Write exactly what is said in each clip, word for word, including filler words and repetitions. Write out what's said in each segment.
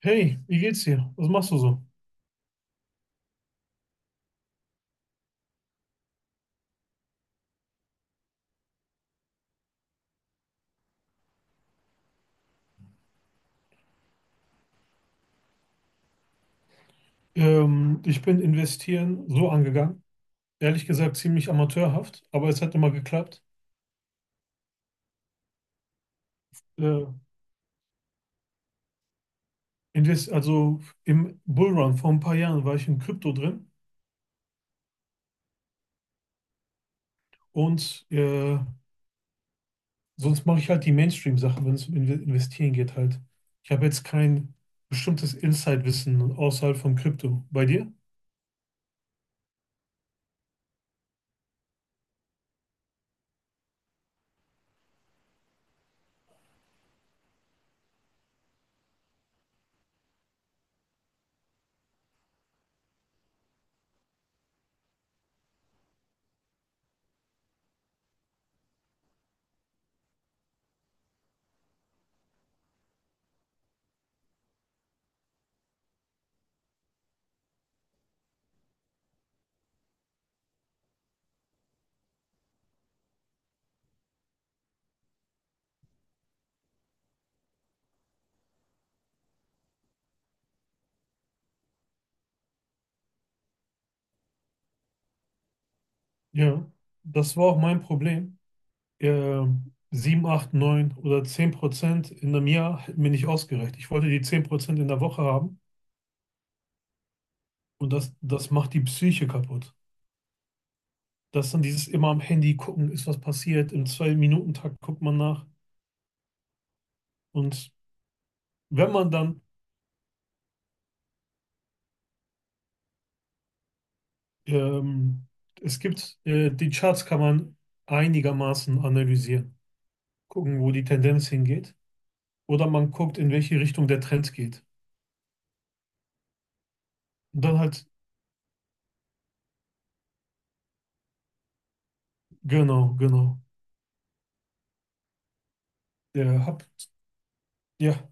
Hey, wie geht's dir? Was machst du so? Ähm, ich bin investieren so angegangen. Ehrlich gesagt ziemlich amateurhaft, aber es hat immer geklappt. Äh, invest also im Bullrun vor ein paar Jahren war ich in Krypto drin, und äh, sonst mache ich halt die Mainstream-Sachen, wenn es um Inve- Investieren geht halt. Ich habe jetzt kein bestimmtes Insight-Wissen außerhalb von Krypto. Bei dir? Ja, das war auch mein Problem. äh, sieben, acht, neun oder zehn Prozent in einem Jahr hätten mir nicht ausgereicht. Ich wollte die zehn Prozent in der Woche haben, und das, das macht die Psyche kaputt. Dass dann dieses immer am Handy gucken, ist was passiert, im zwei Minuten Takt guckt man nach. Und wenn man dann, ähm, es gibt, äh, die Charts kann man einigermaßen analysieren, gucken, wo die Tendenz hingeht. Oder man guckt, in welche Richtung der Trend geht. Und dann halt, genau, genau. Ja, hab, ja.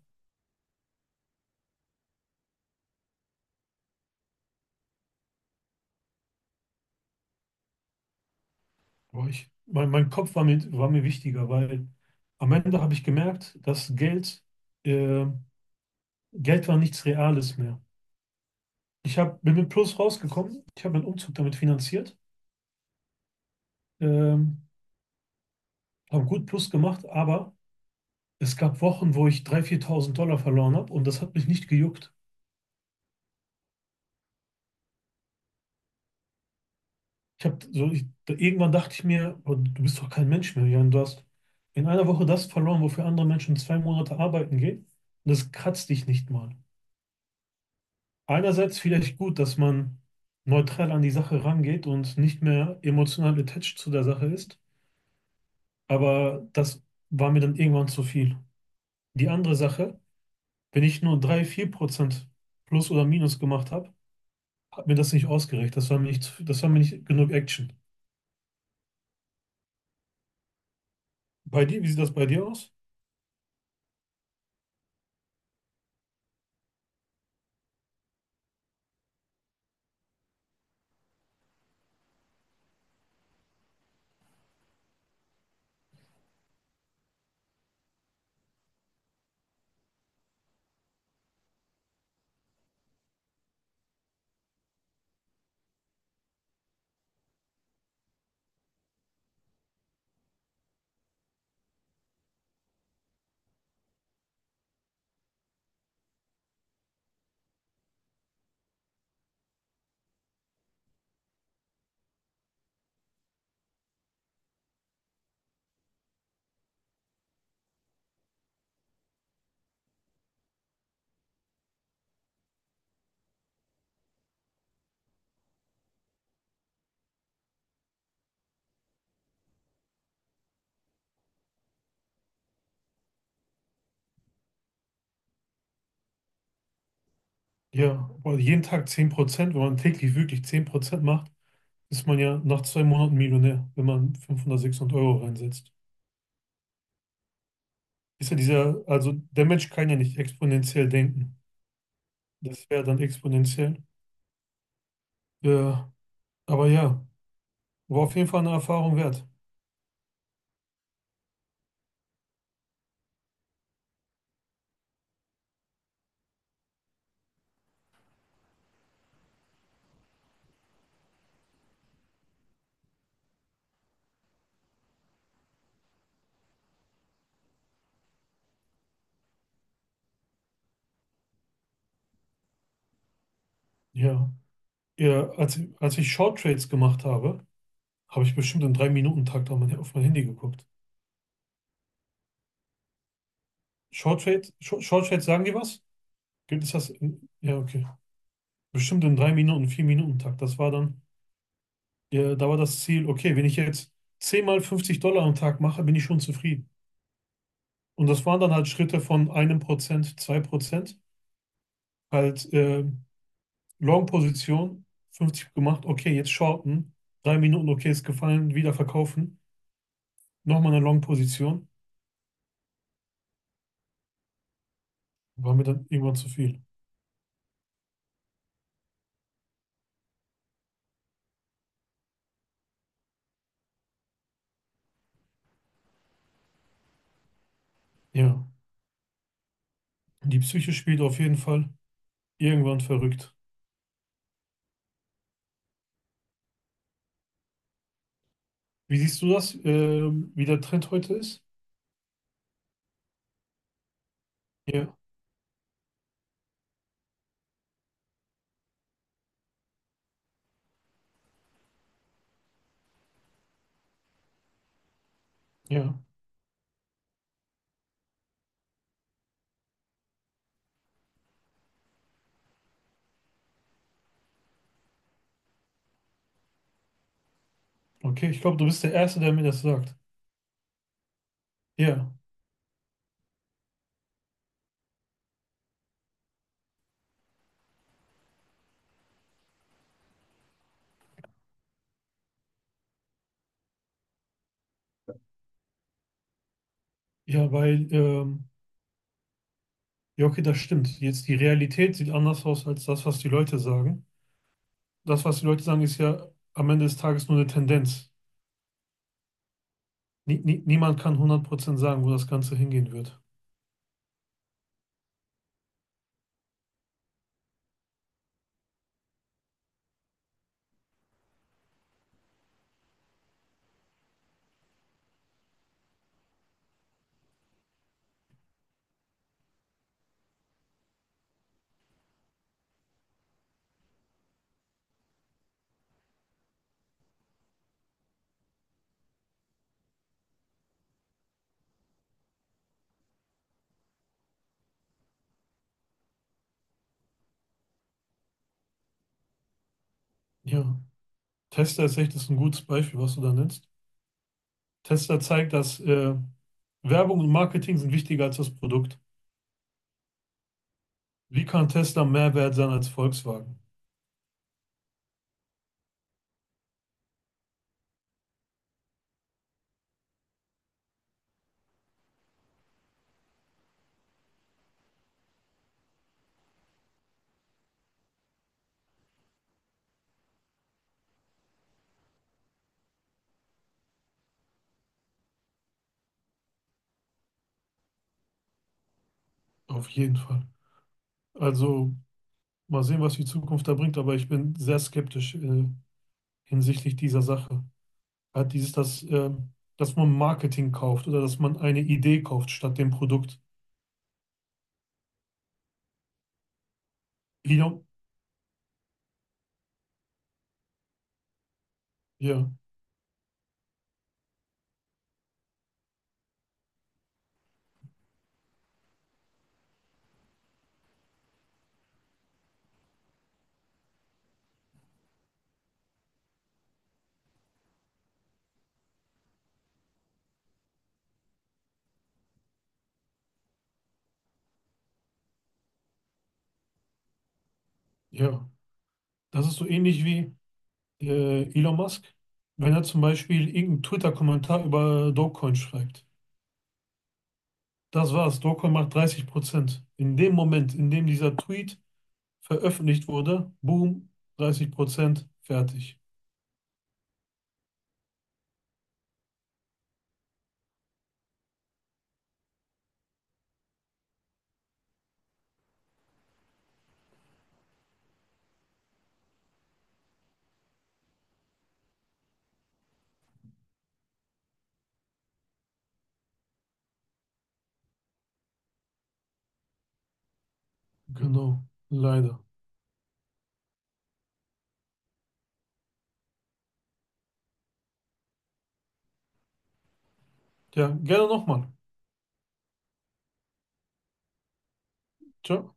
Boah, ich, mein, mein Kopf war mir, war mir wichtiger, weil am Ende habe ich gemerkt, dass Geld, äh, Geld war nichts Reales mehr. Ich hab, bin mit Plus rausgekommen, ich habe meinen Umzug damit finanziert, ähm, habe gut Plus gemacht, aber es gab Wochen, wo ich dreitausend, viertausend Dollar verloren habe und das hat mich nicht gejuckt. Ich hab, so, ich, da- irgendwann dachte ich mir: "Boah, du bist doch kein Mensch mehr, Jan, du hast in einer Woche das verloren, wofür andere Menschen zwei Monate arbeiten gehen, und das kratzt dich nicht mal. Einerseits vielleicht gut, dass man neutral an die Sache rangeht und nicht mehr emotional attached zu der Sache ist, aber das war mir dann irgendwann zu viel. Die andere Sache, wenn ich nur drei, vier Prozent plus oder minus gemacht habe, hat mir das nicht ausgereicht. Das war mir nicht, zu- das war mir nicht genug Action. Bei dir, wie sieht das bei dir aus? Ja, weil jeden Tag zehn Prozent, wenn man täglich wirklich zehn Prozent macht, ist man ja nach zwei Monaten Millionär, wenn man fünfhundert, sechshundert Euro reinsetzt. Ist ja dieser, also der Mensch kann ja nicht exponentiell denken. Das wäre dann exponentiell. Ja, aber ja, war auf jeden Fall eine Erfahrung wert. Ja, ja als, als ich Short Trades gemacht habe, habe ich bestimmt im drei minuten takt auf mein, auf mein Handy geguckt. Short Trade, Short, Short Trades sagen die was? Gibt es das? In, ja, okay. Bestimmt im drei minuten vier 4-Minuten-Takt. Das war dann, ja, da war das Ziel, okay, wenn ich jetzt zehn mal fünfzig Dollar am Tag mache, bin ich schon zufrieden. Und das waren dann halt Schritte von einem Prozent, zwei Prozent. Halt, äh, Long-Position, fünfzig gemacht, okay, jetzt shorten. Drei Minuten, okay, ist gefallen, wieder verkaufen. Nochmal eine Long-Position, war mir dann irgendwann zu viel. Ja, die Psyche spielt auf jeden Fall irgendwann verrückt. Wie siehst du das, ähm, wie der Trend heute ist? Ja, ja, okay, ich glaube, du bist der Erste, der mir das sagt. Ja, ja, weil, ähm, ja, okay, das stimmt. Jetzt die Realität sieht anders aus als das, was die Leute sagen. Das, was die Leute sagen, ist ja am Ende des Tages nur eine Tendenz. Nie, nie, niemand kann hundert Prozent sagen, wo das Ganze hingehen wird. Ja, Tesla ist echt ist ein gutes Beispiel, was du da nennst. Tesla zeigt, dass äh, Werbung und Marketing sind wichtiger als das Produkt. Wie kann Tesla mehr wert sein als Volkswagen? Auf jeden Fall. Also mal sehen, was die Zukunft da bringt, aber ich bin sehr skeptisch äh, hinsichtlich dieser Sache. Hat dieses, dass, äh, dass man Marketing kauft oder dass man eine Idee kauft statt dem Produkt. Elon, ja, ja. Das ist so ähnlich wie äh, Elon Musk, wenn er zum Beispiel irgendeinen Twitter-Kommentar über Dogecoin schreibt. Das war's. Dogecoin macht dreißig Prozent. In dem Moment, in dem dieser Tweet veröffentlicht wurde, boom, dreißig Prozent, fertig. Genau. Leider. Ja, gerne nochmal. Ciao.